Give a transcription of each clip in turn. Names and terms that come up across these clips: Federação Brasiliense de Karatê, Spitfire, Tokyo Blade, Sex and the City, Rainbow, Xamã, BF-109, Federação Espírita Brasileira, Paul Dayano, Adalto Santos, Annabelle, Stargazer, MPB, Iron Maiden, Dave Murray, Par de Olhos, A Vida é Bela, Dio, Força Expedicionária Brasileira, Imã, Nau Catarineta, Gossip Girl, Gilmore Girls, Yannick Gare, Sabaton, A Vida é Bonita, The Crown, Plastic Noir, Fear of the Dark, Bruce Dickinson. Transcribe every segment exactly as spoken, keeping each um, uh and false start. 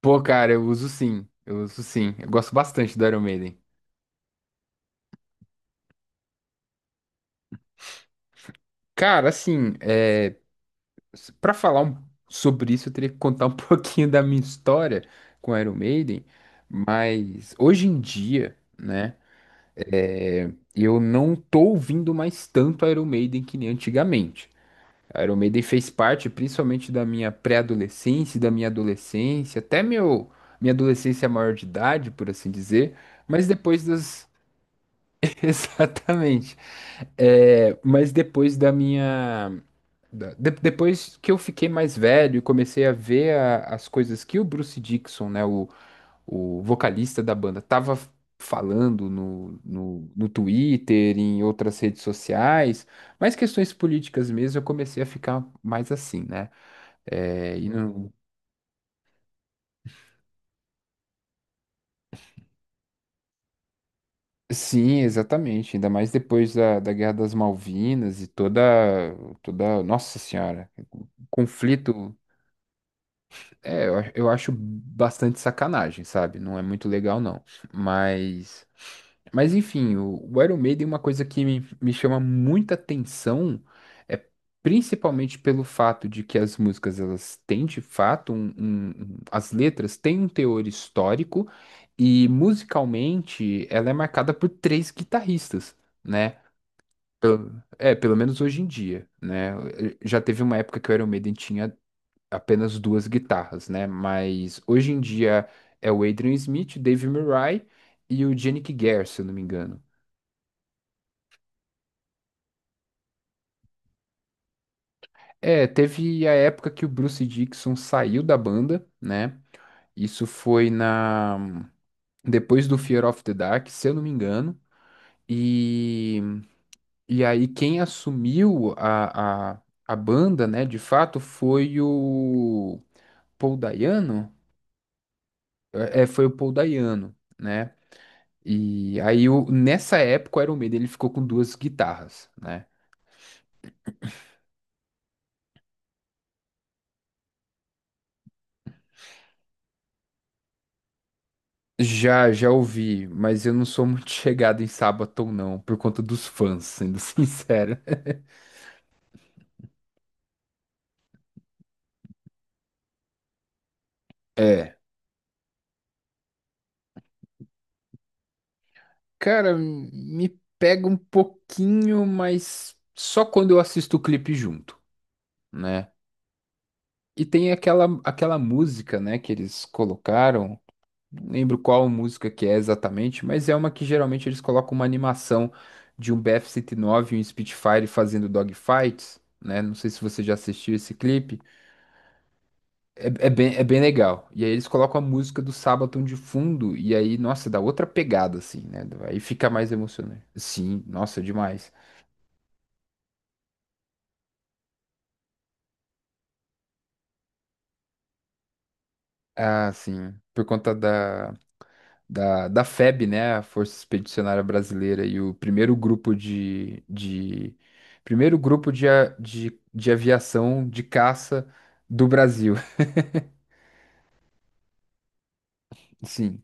Pô, cara, eu uso sim. Eu uso sim. Eu gosto bastante do Iron Maiden. Cara, assim, é... para falar um- sobre isso, eu teria que contar um pouquinho da minha história com Iron Maiden. Mas hoje em dia, né, eu não tô ouvindo mais tanto Iron Maiden que nem antigamente. Iron Maiden fez parte principalmente da minha pré-adolescência, e da minha adolescência, até meu, minha adolescência maior de idade, por assim dizer. Mas depois das. Exatamente. É, mas depois da minha. da- de- depois que eu fiquei mais velho e comecei a ver a- as coisas que o Bruce Dickinson, né, o, o vocalista da banda, tava falando no, no, no Twitter, em outras redes sociais, mais questões políticas mesmo, eu comecei a ficar mais assim, né? É, e não- Sim, exatamente. Ainda mais depois da, da Guerra das Malvinas e toda, toda, nossa senhora, conflito. É, eu, ach- eu acho bastante sacanagem, sabe? Não é muito legal, não. Mas. Mas enfim, o, o Iron Maiden, uma coisa que me, me chama muita atenção é principalmente pelo fato de que as músicas, elas têm de fato um, um- um- as letras têm um teor histórico e musicalmente ela é marcada por três guitarristas, né? Pelo- É, pelo menos hoje em dia, né? Já teve uma época que o Iron Maiden tinha apenas duas guitarras, né? Mas hoje em dia é o Adrian Smith, o Dave Murray e o Yannick Gare, se eu não me engano. É, teve a época que o Bruce Dickinson saiu da banda, né? Isso foi na depois do Fear of the Dark, se eu não me engano. E, e aí quem assumiu a, a, a banda, né, de fato, foi o Paul Dayano. É, é, foi o Paul Dayano, né? E aí, o- nessa época, o Iron Maiden ele ficou com duas guitarras, né? Já, já ouvi, mas eu não sou muito chegado em Sabaton, não, por conta dos fãs, sendo sincero. É, cara, me pega um pouquinho, mas só quando eu assisto o clipe junto, né? E tem aquela, aquela música, né, que eles colocaram. Não lembro qual música que é exatamente, mas é uma que geralmente eles colocam uma animação de um B F cento e nove e nove e um Spitfire fazendo dogfights, né? Não sei se você já assistiu esse clipe. É, é bem, é bem legal. E aí eles colocam a música do Sabaton de fundo, e aí, nossa, dá outra pegada, assim, né? Aí fica mais emocionante. Sim, nossa, demais. Ah, sim, por conta da, da, da FEB, né, a Força Expedicionária Brasileira, e o primeiro grupo de, de primeiro grupo de, a- de, de aviação de caça do Brasil. Sim,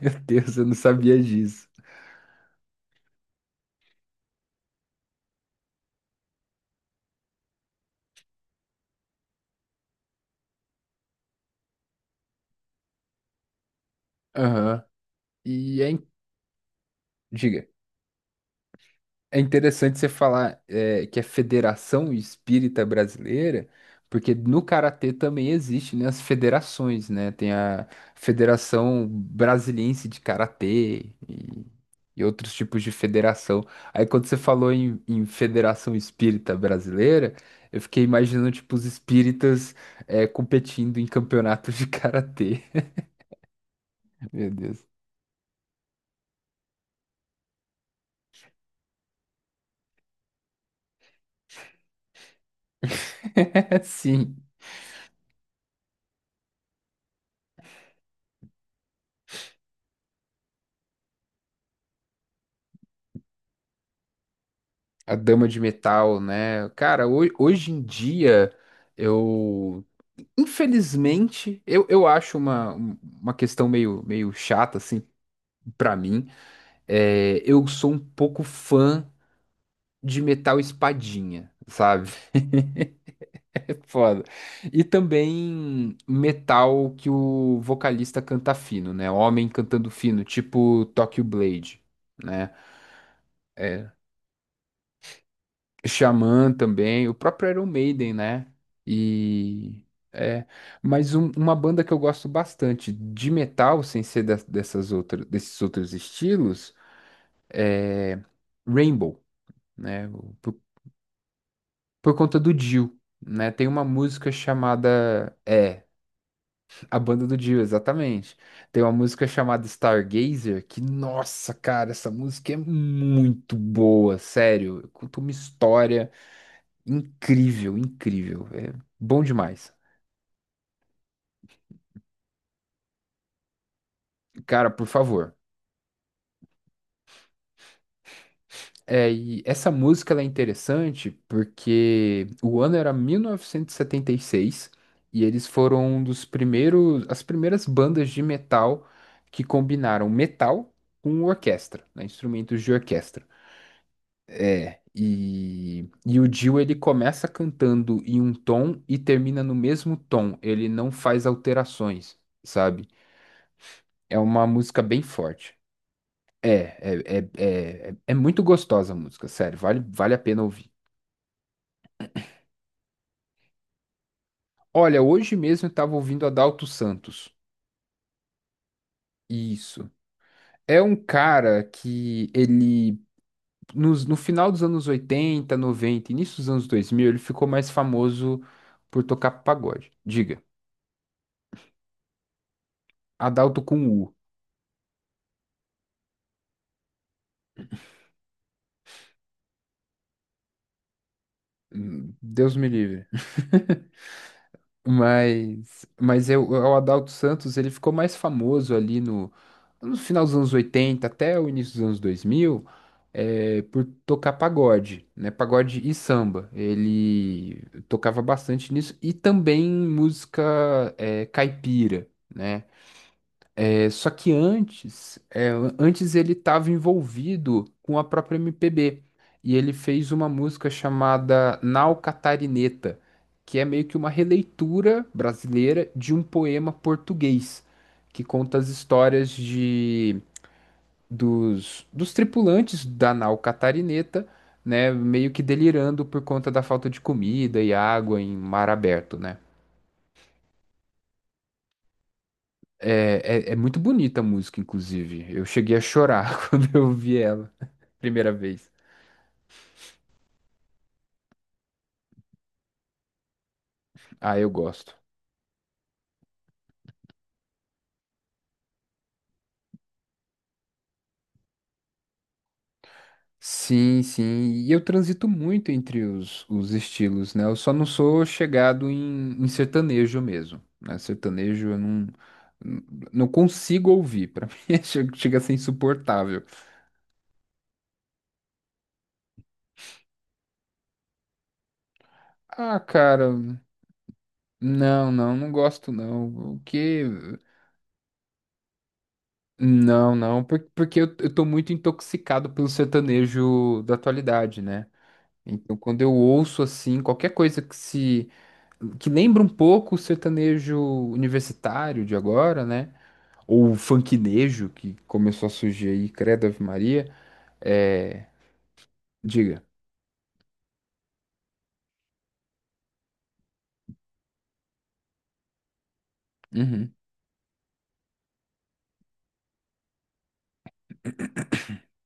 meu Deus, eu não sabia disso. Aham. E é, in- Diga. É interessante você falar eh, que é Federação Espírita Brasileira, porque no karatê também existe, né, as federações, né? Tem a Federação Brasiliense de Karatê e, e outros tipos de federação. Aí quando você falou em, em Federação Espírita Brasileira, eu fiquei imaginando tipo os espíritas eh, competindo em campeonatos de karatê. Meu Deus. Sim. A Dama de Metal, né? Cara, ho- hoje em dia, eu. Infelizmente, eu, eu acho uma, uma questão meio, meio chata, assim, pra mim. É, eu sou um pouco fã de metal espadinha, sabe? É foda. E também metal que o vocalista canta fino, né? Homem cantando fino, tipo Tokyo Blade, né? É, Xamã também, o próprio Iron Maiden, né? E é, mas um- uma banda que eu gosto bastante de metal, sem ser das- dessas outras, desses outros estilos, é Rainbow, né? O- Por, por conta do Dio, né? Tem uma música chamada é, a banda do Dio, exatamente. Tem uma música chamada Stargazer que, nossa, cara, essa música é muito boa, sério. Conta uma história. Incrível, incrível. É bom demais. Cara, por favor. É, e essa música ela é interessante porque o ano era mil novecentos e setenta e seis e setenta e seis e eles foram um dos primeiros, as primeiras bandas de metal que combinaram metal com orquestra, né, instrumentos de orquestra. É, E, e o Dio ele começa cantando em um tom e termina no mesmo tom. Ele não faz alterações, sabe? É uma música bem forte. É, é, é, é, é é muito gostosa a música, sério, vale, vale a pena ouvir. Olha, hoje mesmo eu tava ouvindo Adalto Santos. Isso. É um cara que ele, nos, no final dos anos oitenta, noventa, início dos anos dois mil, ele ficou mais famoso por tocar pagode. Diga, Adalto com U. Hum, Deus me livre. Mas, mas eu, o Adalto Santos, ele ficou mais famoso ali no, no final dos anos oitenta até o início dos anos dois mil, eh, por tocar pagode, né? Pagode e samba. Ele tocava bastante nisso e também música, eh, caipira, né? É, só que antes, é, antes ele estava envolvido com a própria M P B e ele fez uma música chamada Nau Catarineta, que é meio que uma releitura brasileira de um poema português que conta as histórias de dos, dos tripulantes da nau Catarineta, né, meio que delirando por conta da falta de comida e água em mar aberto, né? É, é, é muito bonita a música, inclusive. Eu cheguei a chorar quando eu vi ela, primeira vez. Ah, eu gosto. Sim, sim. E eu transito muito entre os, os estilos, né? Eu só não sou chegado em, em sertanejo mesmo, né? Sertanejo eu não, não consigo ouvir. Pra mim é- chega chega a ser insuportável. Ah, cara, não, não, não gosto não. O que? Não, não, por- porque eu, eu tô muito intoxicado pelo sertanejo da atualidade, né? Então, quando eu ouço assim, qualquer coisa que se que lembra um pouco o sertanejo universitário de agora, né? Ou o funknejo que começou a surgir aí, credo Ave Maria, é, diga. Uhum.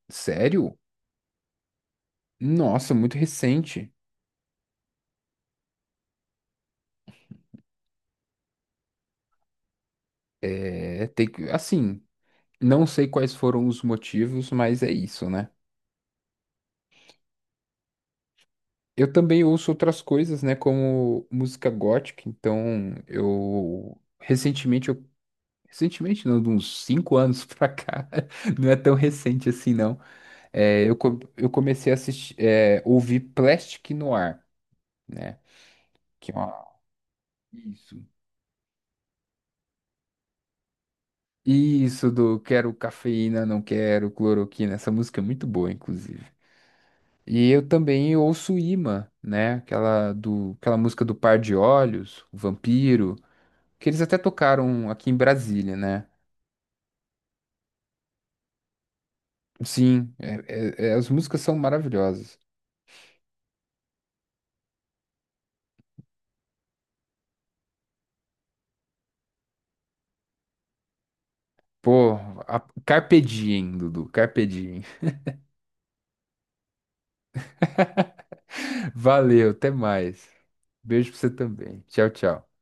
Sério? Nossa, muito recente. É, tem que, assim, não sei quais foram os motivos, mas é isso, né? Eu também ouço outras coisas, né, como música gótica, então eu recentemente, eu, recentemente não, de uns cinco anos pra cá, não é tão recente assim não, é, eu, co- eu comecei a assistir, é, ouvir Plastic Noir, né, que é uma, isso, isso do quero cafeína, não quero cloroquina, essa música é muito boa, inclusive. E eu também ouço Imã, né, aquela, do, aquela música do Par de Olhos, o Vampiro, que eles até tocaram aqui em Brasília, né? Sim, é- é- é, as músicas são maravilhosas. Pô, a, Carpe Diem, Dudu, Carpe Diem. Valeu, até mais. Beijo pra você também. Tchau, tchau.